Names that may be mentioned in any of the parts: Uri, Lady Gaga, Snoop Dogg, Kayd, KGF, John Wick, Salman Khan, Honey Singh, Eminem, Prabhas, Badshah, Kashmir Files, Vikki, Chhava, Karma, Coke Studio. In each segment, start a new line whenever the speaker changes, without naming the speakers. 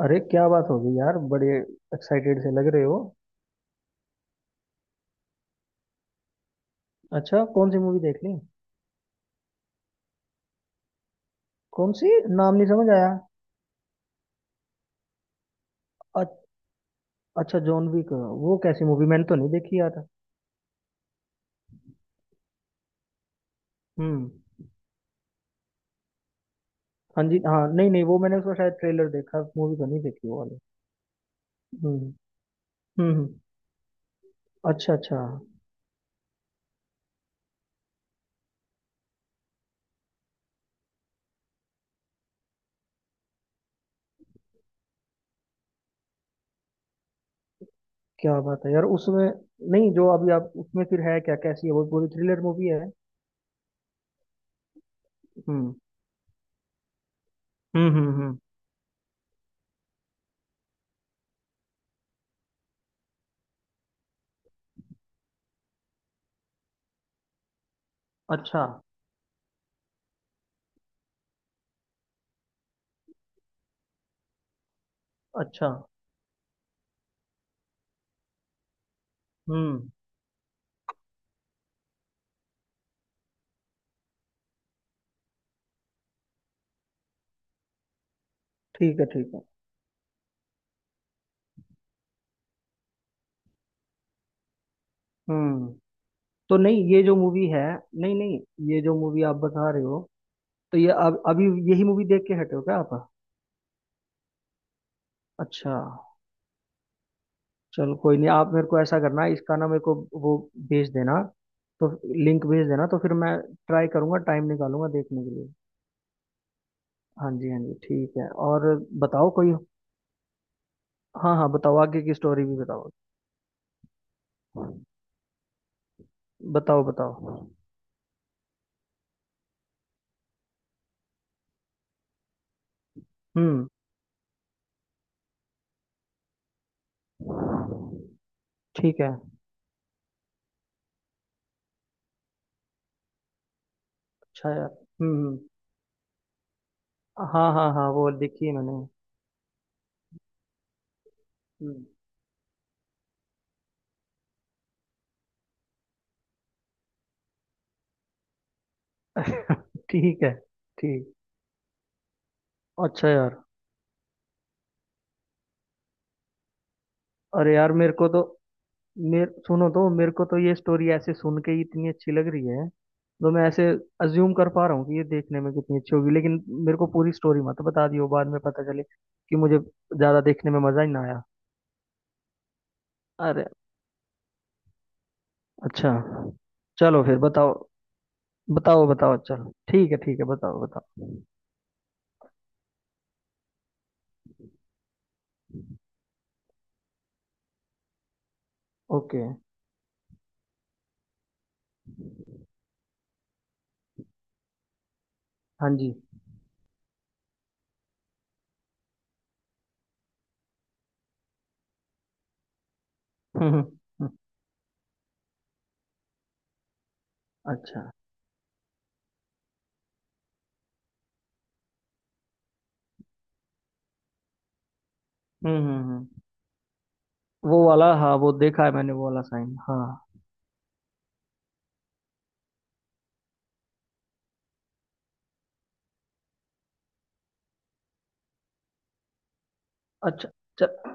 अरे क्या बात हो गई यार? बड़े एक्साइटेड से लग रहे हो। अच्छा कौन सी मूवी देख ली? कौन सी? नाम नहीं समझ आया। अ- अच्छा, जॉन विक। वो कैसी मूवी? मैंने तो नहीं देखी यार। हम्म। हाँ जी, हाँ, नहीं नहीं, वो मैंने उसका शायद ट्रेलर देखा, मूवी तो नहीं देखी वो वाली। हम्म हम्म हम्म, अच्छा अच्छा। क्या बात है यार उसमें। नहीं जो अभी आप उसमें, फिर है क्या, कैसी है वो, पूरी थ्रिलर मूवी है? हम्म हम्म हम्म हम्म, अच्छा अच्छा। हम्म। ठीक है ठीक है। हम्म। तो नहीं ये जो मूवी है, नहीं नहीं, ये जो मूवी आप बता रहे हो, तो ये अब अभी यही मूवी देख के हटे हो क्या आप? अच्छा चलो कोई नहीं, आप मेरे को ऐसा करना, इसका ना मेरे को वो भेज देना। तो लिंक भेज देना, तो फिर मैं ट्राई करूंगा, टाइम निकालूंगा देखने के लिए। हाँ जी हाँ जी ठीक है। और बताओ कोई। हाँ हाँ बताओ, आगे की स्टोरी भी बताओ। बताओ बताओ। हम्म। ठीक है। अच्छा यार। हाँ हाँ हाँ, वो देखी है मैंने। हम्म। ठीक है। ठीक। अच्छा यार। अरे यार मेरे को तो, मेरे सुनो तो मेरे को तो ये स्टोरी ऐसे सुन के ही इतनी अच्छी लग रही है। तो मैं ऐसे अज्यूम कर पा रहा हूँ कि ये देखने में कितनी अच्छी होगी, लेकिन मेरे को पूरी स्टोरी मत बता दियो, बाद में पता चले कि मुझे ज्यादा देखने में मजा ही ना आया। अरे, अच्छा चलो फिर बताओ। बताओ बताओ चलो, ठीक है ठीक है, बताओ बताओ। ओके। हाँ जी। हम्म हम्म, हम्म, अच्छा। हम्म। वो वाला, हाँ वो देखा है मैंने वो वाला साइन, हाँ। अच्छा। च-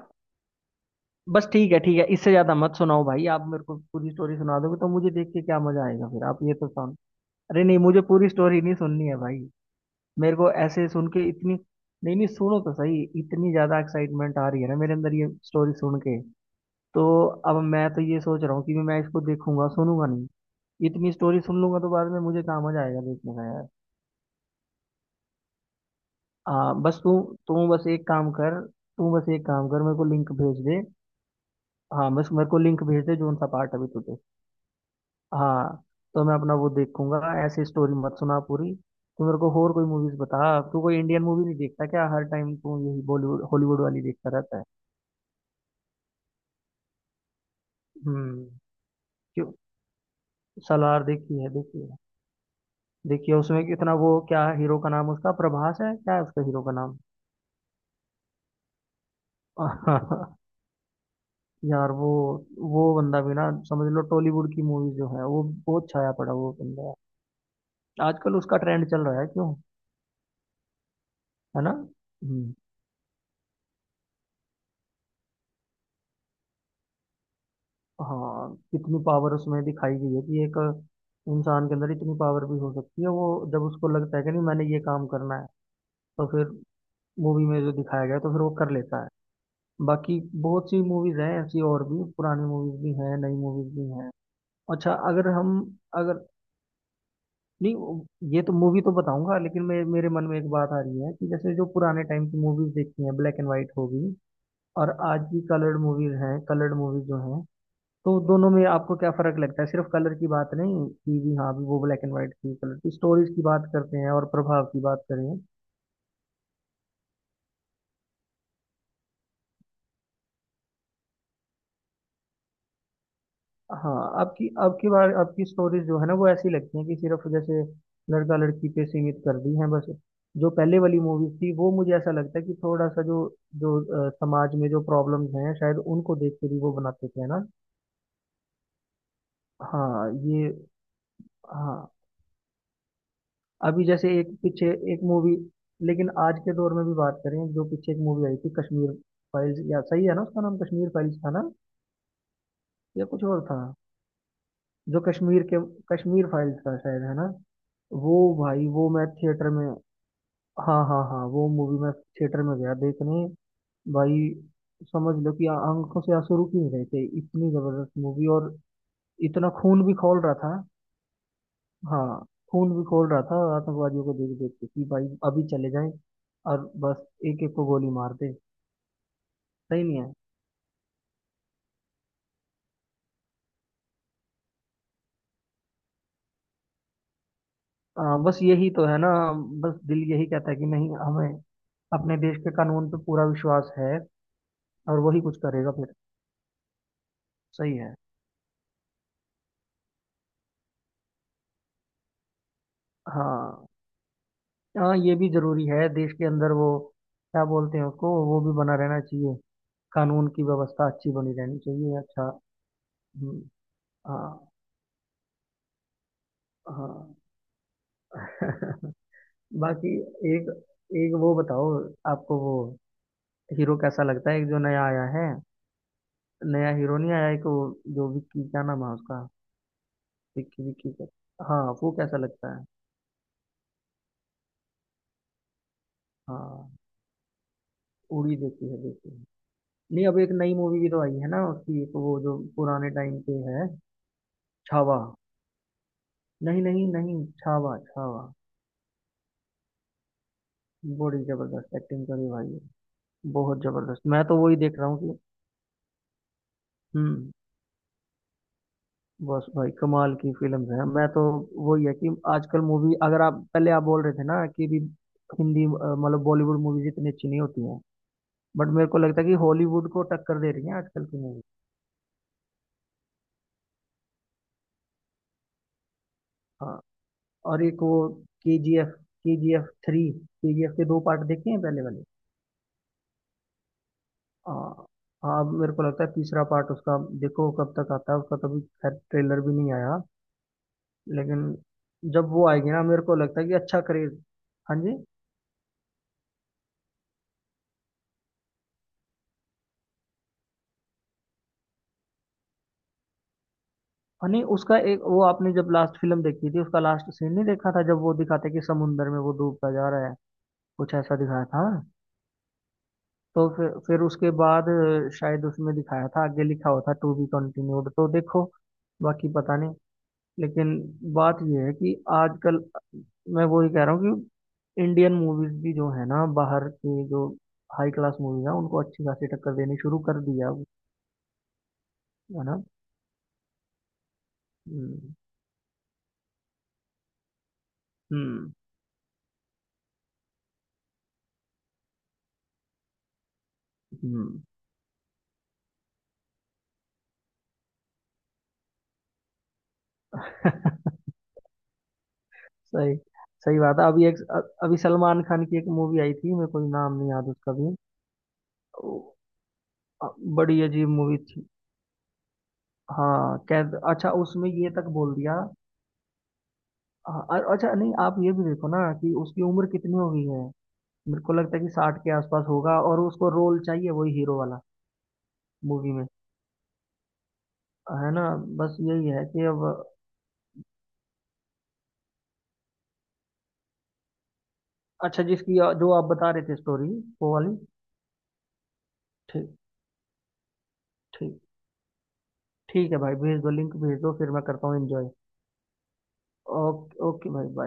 बस ठीक है ठीक है, इससे ज्यादा मत सुनाओ भाई, आप मेरे को पूरी स्टोरी सुना दोगे तो मुझे देख के क्या मजा आएगा फिर? आप ये तो सुन। अरे नहीं, मुझे पूरी स्टोरी नहीं सुननी है भाई। मेरे को ऐसे सुन के इतनी, नहीं नहीं, सुनो तो सही, इतनी ज्यादा एक्साइटमेंट आ रही है ना मेरे अंदर ये स्टोरी सुन के। तो अब मैं तो ये सोच रहा हूँ कि मैं इसको देखूंगा, सुनूंगा नहीं। इतनी स्टोरी सुन लूंगा तो बाद में मुझे कहाँ मजा आएगा देखने का यार। बस तू तू बस एक काम कर तू बस एक काम कर मेरे को लिंक भेज दे। हाँ, बस मेरे को लिंक भेज दे जो सा पार्ट अभी तू। हाँ, तो मैं अपना वो देखूंगा। ऐसे स्टोरी मत सुना पूरी। तू मेरे को और कोई मूवीज बता, तू कोई इंडियन मूवी नहीं देखता क्या? हर टाइम तू यही बॉलीवुड हॉलीवुड वाली देखता रहता है। हम्म। क्यों? सलार देखी है, देखी है। देखिए उसमें कितना वो, क्या हीरो का नाम उसका? प्रभास है क्या है उसका हीरो का नाम? यार वो बंदा भी ना, समझ लो टॉलीवुड की मूवी जो है वो बहुत छाया पड़ा वो बंदा। आजकल उसका ट्रेंड चल रहा है। क्यों? है ना। हम्म। हाँ कितनी पावर उसमें दिखाई गई है कि एक इंसान के अंदर इतनी पावर भी हो सकती है वो, जब उसको लगता है कि नहीं मैंने ये काम करना है, तो फिर मूवी में जो दिखाया गया है, तो फिर वो कर लेता है। बाकी बहुत सी मूवीज हैं ऐसी, और भी पुरानी मूवीज भी हैं, नई मूवीज भी हैं। अच्छा अगर हम, अगर, नहीं ये तो मूवी तो बताऊंगा, लेकिन मेरे मन में एक बात आ रही है कि जैसे जो पुराने टाइम की मूवीज देखी हैं ब्लैक एंड व्हाइट होगी, और आज की कलर्ड मूवीज हैं, कलर्ड मूवीज जो हैं, तो दोनों में आपको क्या फर्क लगता है? सिर्फ कलर की बात नहीं कि भी हाँ भी वो ब्लैक एंड व्हाइट की कलर की स्टोरीज की बात करते हैं और प्रभाव की बात करें। हाँ। आपकी आपकी बार आपकी स्टोरीज जो है ना वो ऐसी लगती हैं कि सिर्फ जैसे लड़का लड़की पे सीमित कर दी हैं बस। जो पहले वाली मूवीज थी वो मुझे ऐसा लगता है कि थोड़ा सा जो, जो समाज में जो प्रॉब्लम्स हैं शायद उनको देख कर ही वो बनाते थे, है ना? हाँ ये, हाँ। अभी जैसे एक पीछे, एक मूवी, लेकिन आज के दौर में भी बात करें, जो पीछे एक मूवी आई थी कश्मीर फाइल्स, या सही है ना उसका नाम? कश्मीर फाइल्स था ना या कुछ और था? जो कश्मीर के, कश्मीर फाइल्स था शायद, है ना? वो भाई वो मैं थिएटर में, हाँ हाँ हाँ, वो मूवी मैं थिएटर में गया देखने भाई। समझ लो कि आंखों से आंसू रुक ही नहीं रहे थे, इतनी जबरदस्त मूवी, और इतना खून भी खौल रहा था। हाँ, खून भी खोल रहा था, आतंकवादियों को देख देख के कि भाई अभी चले जाएं और बस एक एक को गोली मार दे। सही नहीं है। बस यही तो है ना। बस दिल यही कहता है कि नहीं, हमें अपने देश के कानून पे पूरा विश्वास है, और वही कुछ करेगा फिर। सही है। हाँ। हाँ ये भी जरूरी है देश के अंदर वो क्या बोलते हैं उसको, वो भी बना रहना चाहिए, कानून की व्यवस्था अच्छी बनी रहनी चाहिए। अच्छा। हम्म, हाँ। हाँ। बाकी एक, एक वो बताओ, आपको वो हीरो कैसा लगता है एक जो नया आया है? नया हीरो नहीं आया, एक वो जो विक्की, क्या नाम है उसका? विक्की, विक्की का, हाँ, वो कैसा लगता है? हाँ, उड़ी देखी है, देखी है। नहीं अब एक नई मूवी भी तो आई है ना उसकी, एक वो जो पुराने टाइम पे है, छावा। नहीं नहीं नहीं, छावा छावा, बड़ी जबरदस्त एक्टिंग करी भाई। बहुत जबरदस्त, मैं तो वही देख रहा हूँ कि। हम्म। बस भाई कमाल की फिल्म्स हैं। मैं तो वही है कि आजकल मूवी, अगर आप पहले आप बोल रहे थे ना कि भी हिंदी, मतलब बॉलीवुड मूवीज इतनी अच्छी नहीं होती हैं, बट मेरे को लगता है कि हॉलीवुड को टक्कर दे रही हैं आजकल की मूवी। हाँ। और एक वो KGF, KGF 3, KGF के दो पार्ट देखे हैं पहले वाले। हाँ। हाँ अब मेरे को लगता है तीसरा पार्ट उसका देखो कब तक आता है, उसका तो अभी खैर ट्रेलर भी नहीं आया, लेकिन जब वो आएगी ना मेरे को लगता है कि अच्छा करेगा। हाँ जी। फनी उसका एक वो, आपने जब लास्ट फिल्म देखी थी उसका लास्ट सीन नहीं देखा था जब वो दिखाते कि समुंदर में वो डूबता जा रहा है, कुछ ऐसा दिखाया था। तो फिर, उसके बाद शायद उसमें दिखाया था आगे लिखा हुआ था टू बी कंटिन्यूड, तो देखो बाकी पता नहीं। लेकिन बात ये है कि आजकल, मैं वही कह रहा हूँ कि इंडियन मूवीज भी जो है ना, बाहर के जो हाई क्लास मूवीज है उनको अच्छी खासी टक्कर देनी शुरू कर दिया। है ना। हम्म हम्म हम्म। सही, सही बात है। अभी एक, अभी सलमान खान की एक मूवी आई थी, मेरे को नाम नहीं याद उसका भी। वो, अ, बड़ी अजीब मूवी थी। हाँ कैद, अच्छा उसमें ये तक बोल दिया। हाँ, अच्छा नहीं आप ये भी देखो ना कि उसकी उम्र कितनी हो गई है, मेरे को लगता है कि 60 के आसपास होगा और उसको रोल चाहिए वही हीरो वाला मूवी में। है ना। बस यही है कि अब, अच्छा जिसकी जो आप बता रहे थे स्टोरी, वो वाली। ठीक, ठीक, ठीक है भाई भेज दो लिंक, भेज दो फिर मैं करता हूँ एंजॉय। ओके ओके भाई bye।